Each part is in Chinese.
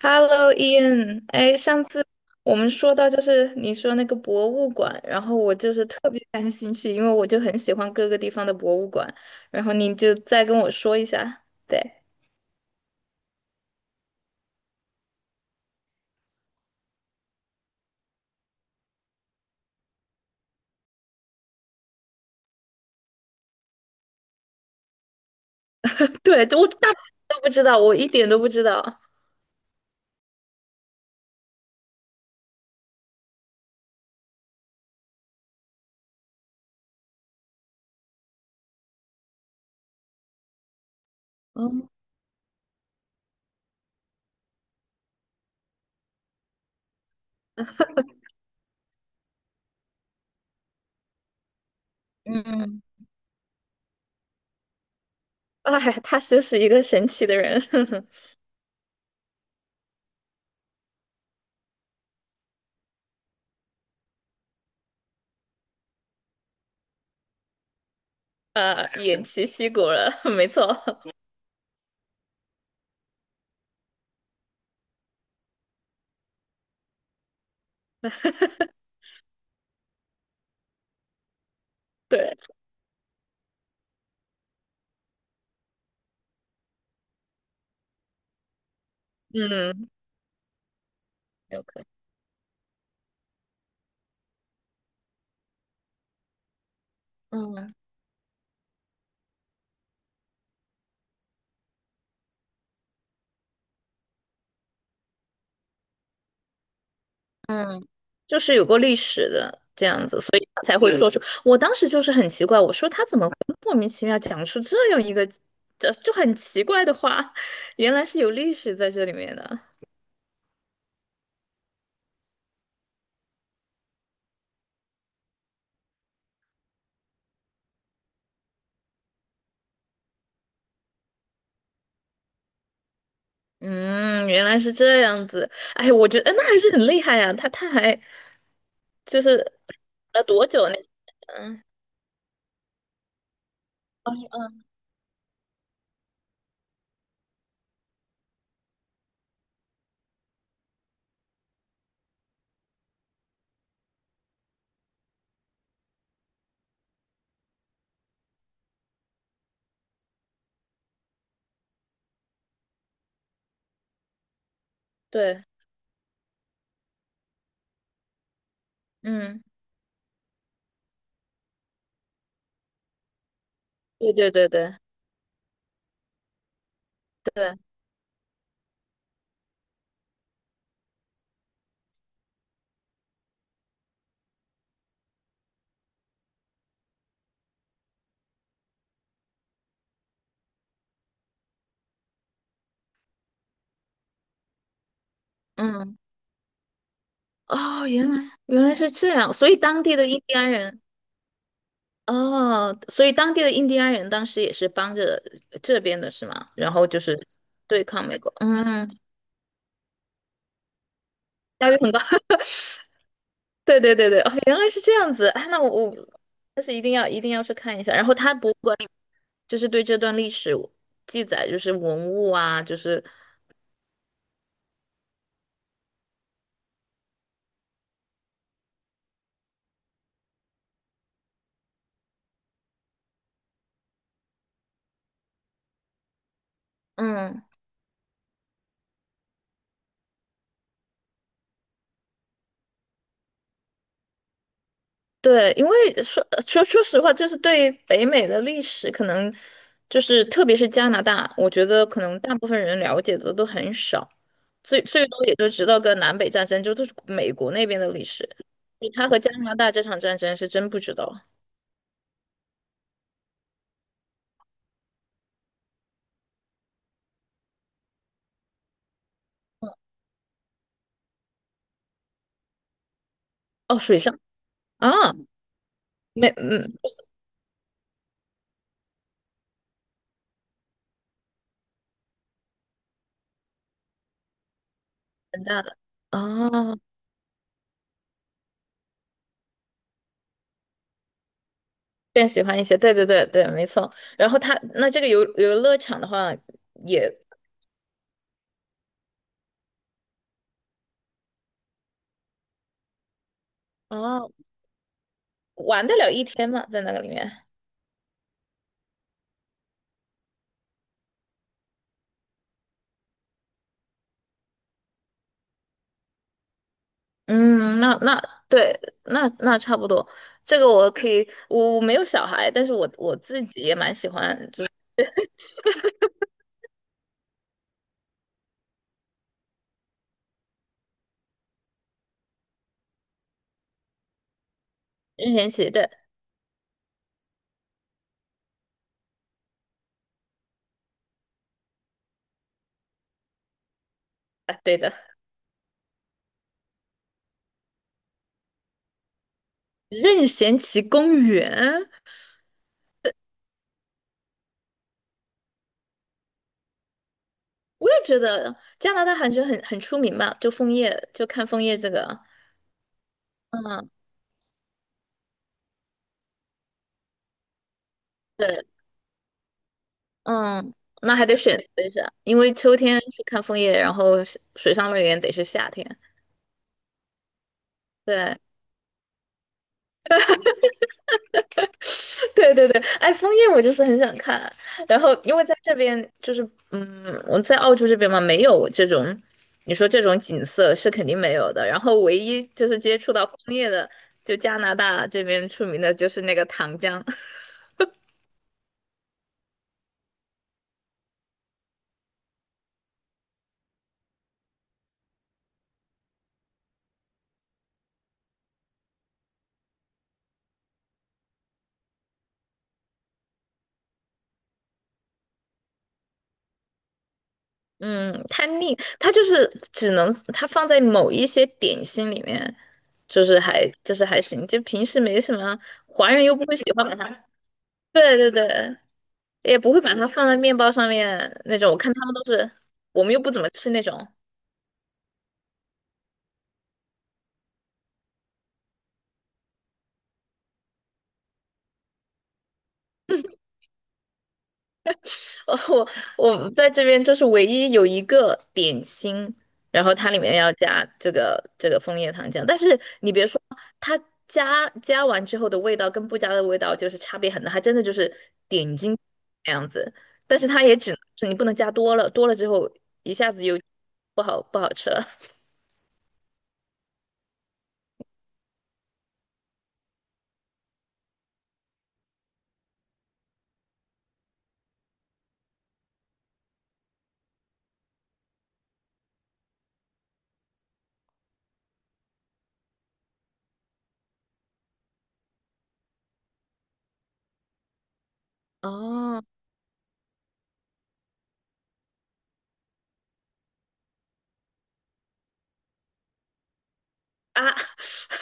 Hello, Ian。哎，上次我们说到就是你说那个博物馆，然后我就是特别感兴趣，因为我就很喜欢各个地方的博物馆。然后你就再跟我说一下。对，对，我大部分都不知道，我一点都不知道。嗯，嗯，哎，他就是一个神奇的人，偃旗息鼓了，没错。对，嗯，有可能。嗯，就是有过历史的这样子，所以他才会说出。我当时就是很奇怪，我说他怎么会莫名其妙讲出这样一个这就很奇怪的话，原来是有历史在这里面的。嗯，原来是这样子。哎，我觉得哎那还是很厉害呀、他还就是多久呢？嗯，二嗯，对，嗯，对对对对对，嗯，哦，原来是这样，所以当地的印第安人。哦，所以当地的印第安人当时也是帮着这边的是吗？然后就是对抗美国，嗯，效率很高。对对对对，哦，原来是这样子啊那我但是一定要一定要去看一下。然后他博物馆里就是对这段历史记载，就是文物啊，就是嗯。对，因为说实话，就是对北美的历史，可能就是特别是加拿大，我觉得可能大部分人了解的都很少，最多也就知道个南北战争，就都是美国那边的历史。就他和加拿大这场战争是真不知道哦，水上啊，没嗯，很大的啊，更喜欢一些，对对对对，没错。然后他那这个游乐场的话也哦，玩得了一天嘛，在那个里面。嗯，那对，那差不多。这个我可以，我没有小孩，但是我自己也蛮喜欢，就是任贤齐的啊，对的，任贤齐公园，我也觉得加拿大还是很出名吧，就枫叶，就看枫叶这个，嗯，对，嗯，那还得选择一下，因为秋天是看枫叶，然后水上乐园得是夏天，对，对对对，哎，枫叶我就是很想看，然后因为在这边就是，嗯，我在澳洲这边嘛，没有这种，你说这种景色是肯定没有的。然后唯一就是接触到枫叶的，就加拿大这边出名的就是那个糖浆，嗯，它腻，它就是只能它放在某一些点心里面，就是还就是还行，就平时没什么，华人又不会喜欢把它，对对对。也不会把它放在面包上面那种。我看他们都是，我们又不怎么吃那种。哦，我我在这边就是唯一有一个点心，然后它里面要加这个这个枫叶糖浆，但是你别说，它加完之后的味道跟不加的味道就是差别很大，它真的就是点睛那样子。但是它也只能是你不能加多了，多了之后一下子又不好吃了。哦啊，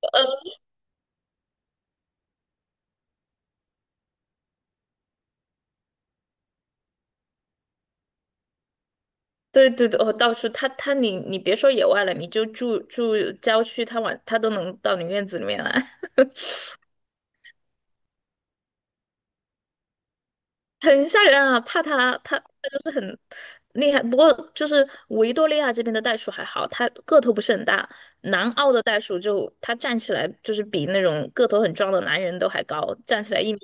呃，对对对，哦，到处他你别说野外了，你就住郊区，他往他都能到你院子里面来，很吓人啊！怕他就是很厉害，不过就是维多利亚这边的袋鼠还好，它个头不是很大，南澳的袋鼠就它站起来就是比那种个头很壮的男人都还高，站起来一米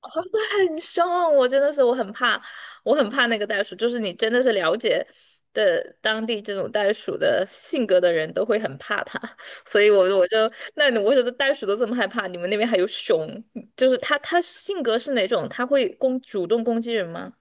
哦，对，很凶，我真的是我很怕，我很怕那个袋鼠。就是你真的是了解的当地这种袋鼠的性格的人都会很怕它，所以我就那你我觉得袋鼠都这么害怕，你们那边还有熊，就是它性格是哪种？它会主动攻击人吗？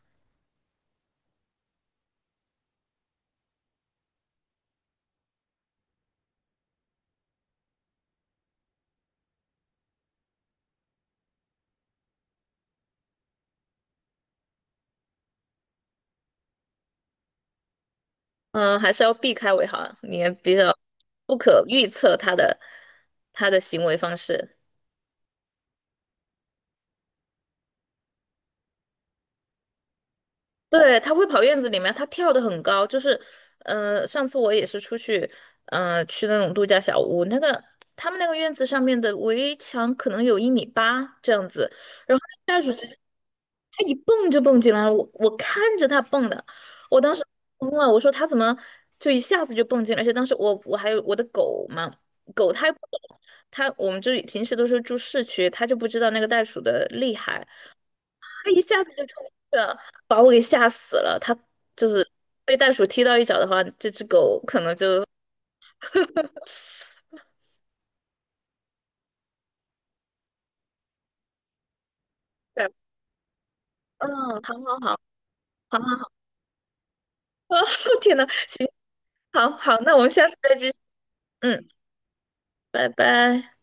嗯，还是要避开为好啊，你也比较不可预测它的行为方式。对，它会跑院子里面，它跳得很高，就是，上次我也是出去，去那种度假小屋，那个他们那个院子上面的围墙可能有1.8米这样子，然后那个袋鼠直接，它一蹦就蹦进来了，我看着它蹦的，我当时懵了，我说它怎么就一下子就蹦进来，而且当时我还有我的狗嘛，狗它也不懂，它我们就平时都是住市区，它就不知道那个袋鼠的厉害。他一下子就冲过去了，把我给吓死了。他就是被袋鼠踢到一脚的话，这只狗可能就，对，嗯，好好好，好好好，天呐，行，好好，那我们下次再继续，嗯，拜拜。